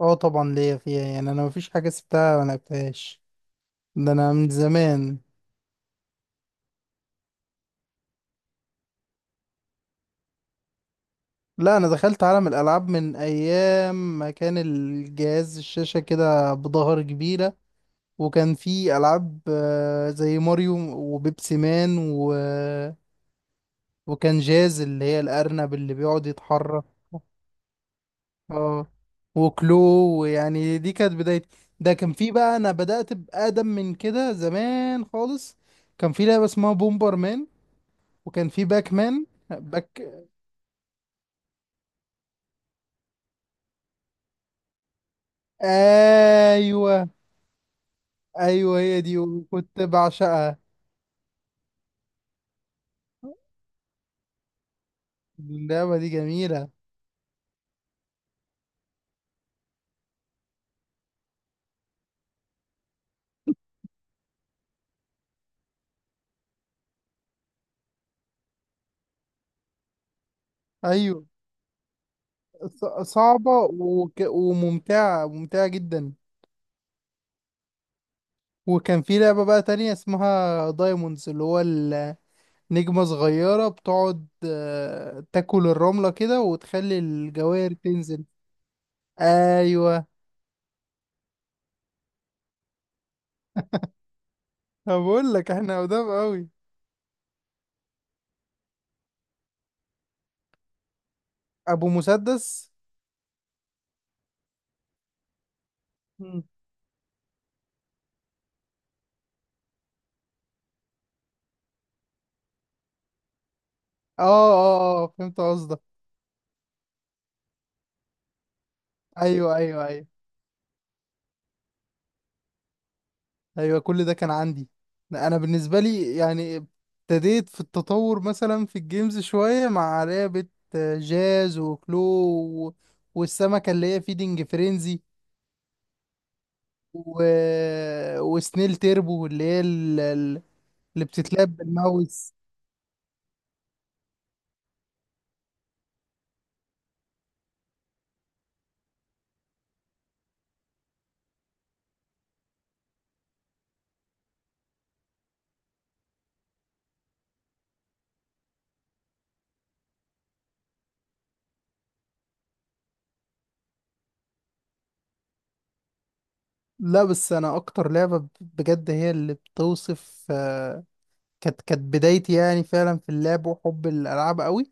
اه، طبعا ليا فيها يعني انا مفيش حاجه سبتها ما لعبتهاش. ده انا من زمان. لا، انا دخلت عالم الالعاب من ايام ما كان الجهاز الشاشه كده بظهر كبيره، وكان في العاب زي ماريو وبيبسي مان وكان جاز اللي هي الارنب اللي بيقعد يتحرك. اه، وكلو. ويعني دي كانت بدايتي. ده كان في بقى، انا بدأت بأقدم من كده زمان خالص. كان في لعبة اسمها بومبر مان، وكان في باك مان باك. ايوه، ايوه، هي دي وكنت بعشقها. اللعبه دي جميله. ايوه، صعبه، وممتعه ممتعه جدا. وكان في لعبه بقى تانية اسمها دايموندز، اللي هو النجمه صغيره بتقعد تاكل الرمله كده وتخلي الجواهر تنزل. ايوه. أنا بقول لك احنا قدام قوي. ابو مسدس. مم. اه، اه، اه، فهمت قصدك. ايوه، ايوه، ايوه. ايوه، كل ده كان عندي. انا بالنسبه لي يعني ابتديت في التطور مثلا في الجيمز شويه مع لعبه جاز وكلو، والسمكه اللي هي فيدنج فرينزي، و... وسنيل تيربو اللي هي اللي بتتلعب بالماوس. لا، بس انا اكتر لعبه بجد هي اللي بتوصف، كانت بدايتي يعني فعلا في اللعب وحب الالعاب قوي.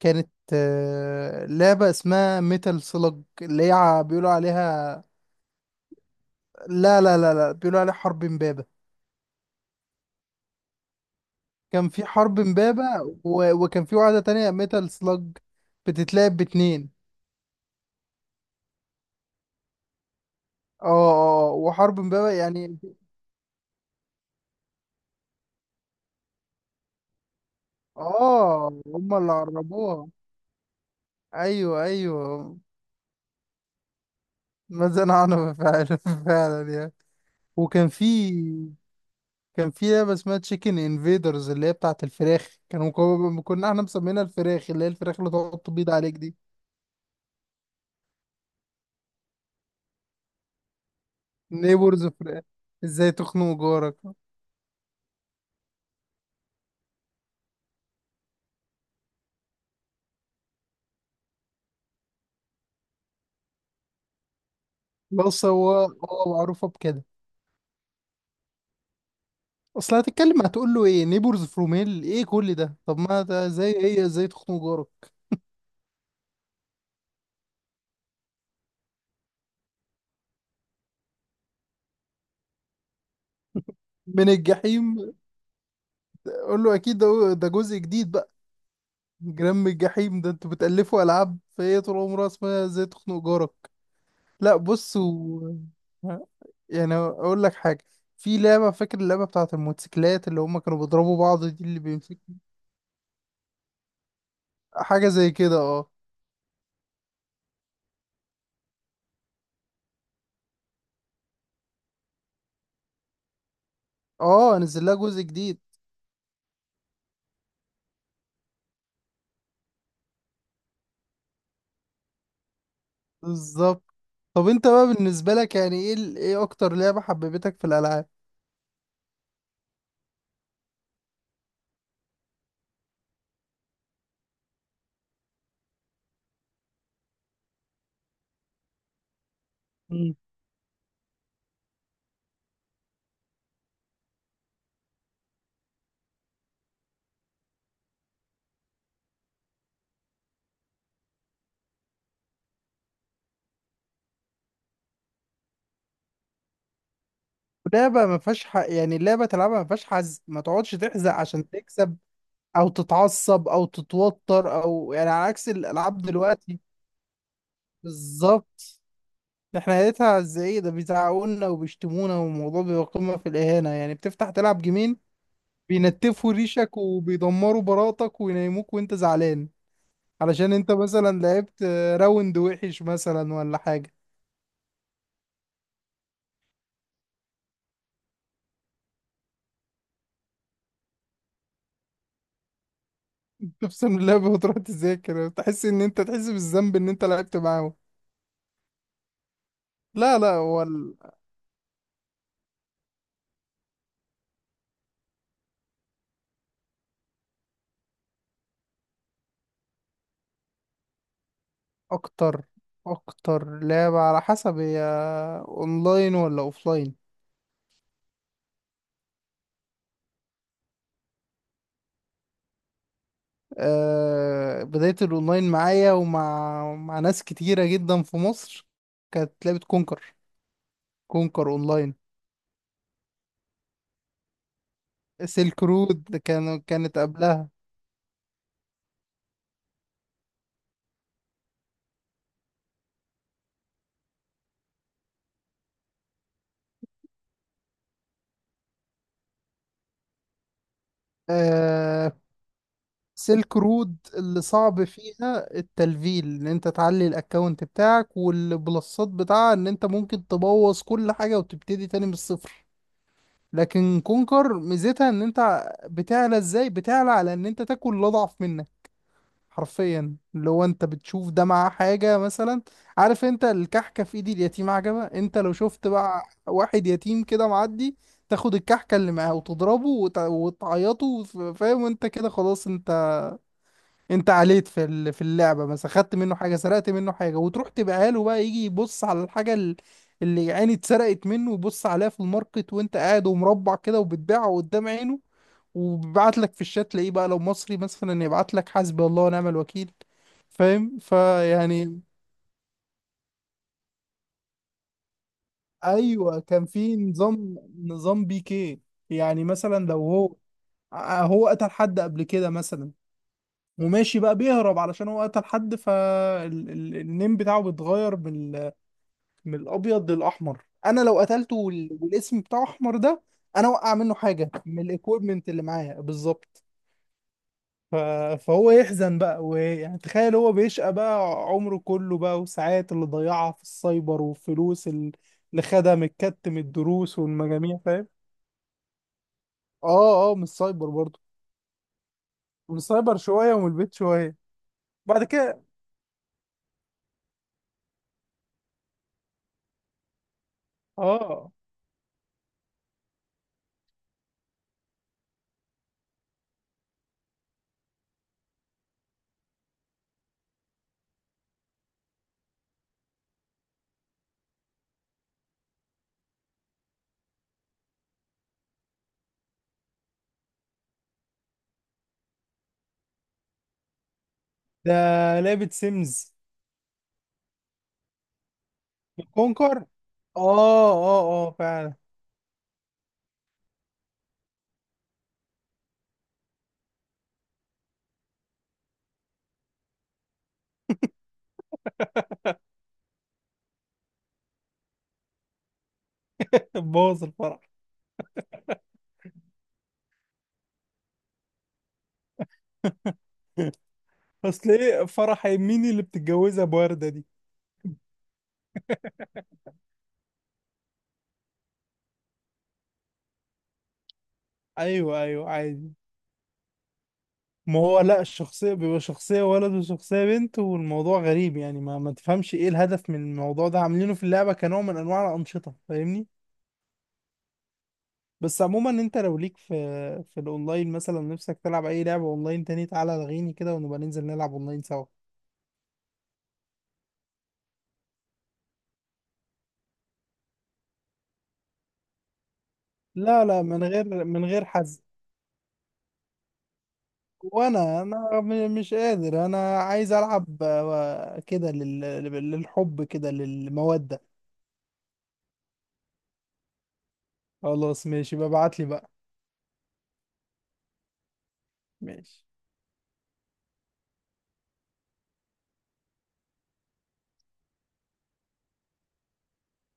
كانت لعبة اسمها ميتال سلج، اللي هي بيقولوا عليها. لا، لا، لا، لا، بيقولوا عليه حرب امبابة. كان في حرب امبابة، وكان في واحدة تانية ميتال سلاج بتتلعب باتنين. اه، اه، وحرب امبابة يعني. اه، هما اللي عربوها. ايوه، ايوه. ما زنقنا فعلا، فعلا يعني. وكان في، كان في لعبة اسمها تشيكن انفيدرز اللي هي بتاعت الفراخ، كانوا كنا احنا مسمينها الفراخ، اللي هي الفراخ اللي تقعد تبيض عليك دي. نيبورز فراخ، ازاي تخنق جارك. بص، هو معروفة بكده. اصل هتتكلم هتقول له ايه؟ نيبورز فروم هيل ايه كل ده؟ طب ما ده زي هي ازاي تخنق جارك من الجحيم. قول له اكيد ده، ده جزء جديد بقى. جرام الجحيم ده، انتوا بتألفوا العاب؟ فهي طول عمرها اسمها ازاي تخنق جارك. لا بص، يعني اقول لك حاجه. في لعبه، فاكر اللعبه بتاعت الموتوسيكلات اللي هم كانوا بيضربوا بعض دي، اللي بيمسك حاجه زي كده، اه. اه، نزل لها جزء جديد. بالظبط. طب انت بقى بالنسبه لك يعني ايه ايه اكتر لعبه حببتك في الالعاب؟ لعبة ما فيهاش يعني اللعبة تلعبها ما فيهاش حزق، ما تقعدش تحزق عشان تكسب او تتعصب او تتوتر، او يعني على عكس الالعاب دلوقتي. بالظبط. احنا لقيتها ازاي ده؟ بيزعقولنا وبيشتمونا، والموضوع بيبقى قمة في الإهانة يعني، بتفتح تلعب جيمين بينتفوا ريشك وبيدمروا براءتك وينيموك وانت زعلان، علشان انت مثلا لعبت راوند وحش مثلا ولا حاجة. تفصل من اللعبة وتروح تذاكر، تحس ان انت تحس بالذنب ان انت لعبت معاهم. لا، لا، هو اكتر اكتر لعبة على حسب هي اونلاين ولا اوفلاين؟ أه، بداية الاونلاين معايا ومع ناس كتيرة جدا في مصر، كانت لعبة كونكر، كونكر اونلاين. سيلك رود كانت قبلها. أه، سيلك رود اللي صعب فيها التلفيل ان انت تعلي الاكونت بتاعك والبلصات بتاعها، ان انت ممكن تبوظ كل حاجة وتبتدي تاني من الصفر. لكن كونكر ميزتها ان انت بتعلى ازاي؟ بتعلى على ان انت تاكل اللي اضعف منك، حرفيا، اللي هو انت بتشوف ده معاه حاجة مثلا. عارف انت الكحكة في ايد اليتيم عجبة؟ انت لو شفت بقى واحد يتيم كده معدي، تاخد الكحكة اللي معاه وتضربه، وتعيطه، فاهم؟ انت كده خلاص، انت عليت في في اللعبه مثلا، خدت منه حاجه، سرقت منه حاجه، وتروح تبقى له بقى يجي يبص على الحاجه اللي يعني اتسرقت منه، ويبص عليها في الماركت وانت قاعد ومربع كده وبتبيعها قدام عينه. وبيبعت لك في الشات تلاقيه بقى لو مصري مثلا يبعت لك حسبي الله ونعم الوكيل، فاهم فيعني. ايوه، كان في نظام بيكي. يعني مثلا لو هو قتل حد قبل كده مثلا وماشي بقى بيهرب علشان هو قتل حد، فالنيم بتاعه بيتغير من الابيض للاحمر. انا لو قتلته والاسم بتاعه احمر ده، انا اوقع منه حاجه من الايكويبمنت اللي معايا بالظبط. ف... فهو يحزن بقى، ويعني تخيل هو بيشقى بقى عمره كله بقى، وساعات اللي ضيعها في السايبر والفلوس اللي خدها من من الدروس والمجاميع، فاهم؟ اه، اه، من السايبر برضه. من السايبر شويه ومن البيت شويه. بعد كده. اه. ده لعبة سيمز. كونكر. اه، اه، اه، فعلا. بوظ الفرح. اصل ايه فرح مين اللي بتتجوزها بوردة دي؟ ايوه، ايوه، عادي. ما هو لا، الشخصية بيبقى شخصية ولد وشخصية بنت، والموضوع غريب يعني ما تفهمش ايه الهدف من الموضوع ده عاملينه في اللعبة كنوع من انواع الانشطة، فاهمني؟ بس عموما انت لو ليك في الاونلاين مثلا، نفسك تلعب اي لعبة اونلاين تاني، تعالى الغيني كده ونبقى ننزل نلعب اونلاين سوا. لا، لا، من غير وانا مش قادر. انا عايز العب كده للحب كده، للمودة. خلاص ماشي بقى، ابعت لي بقى. ماشي.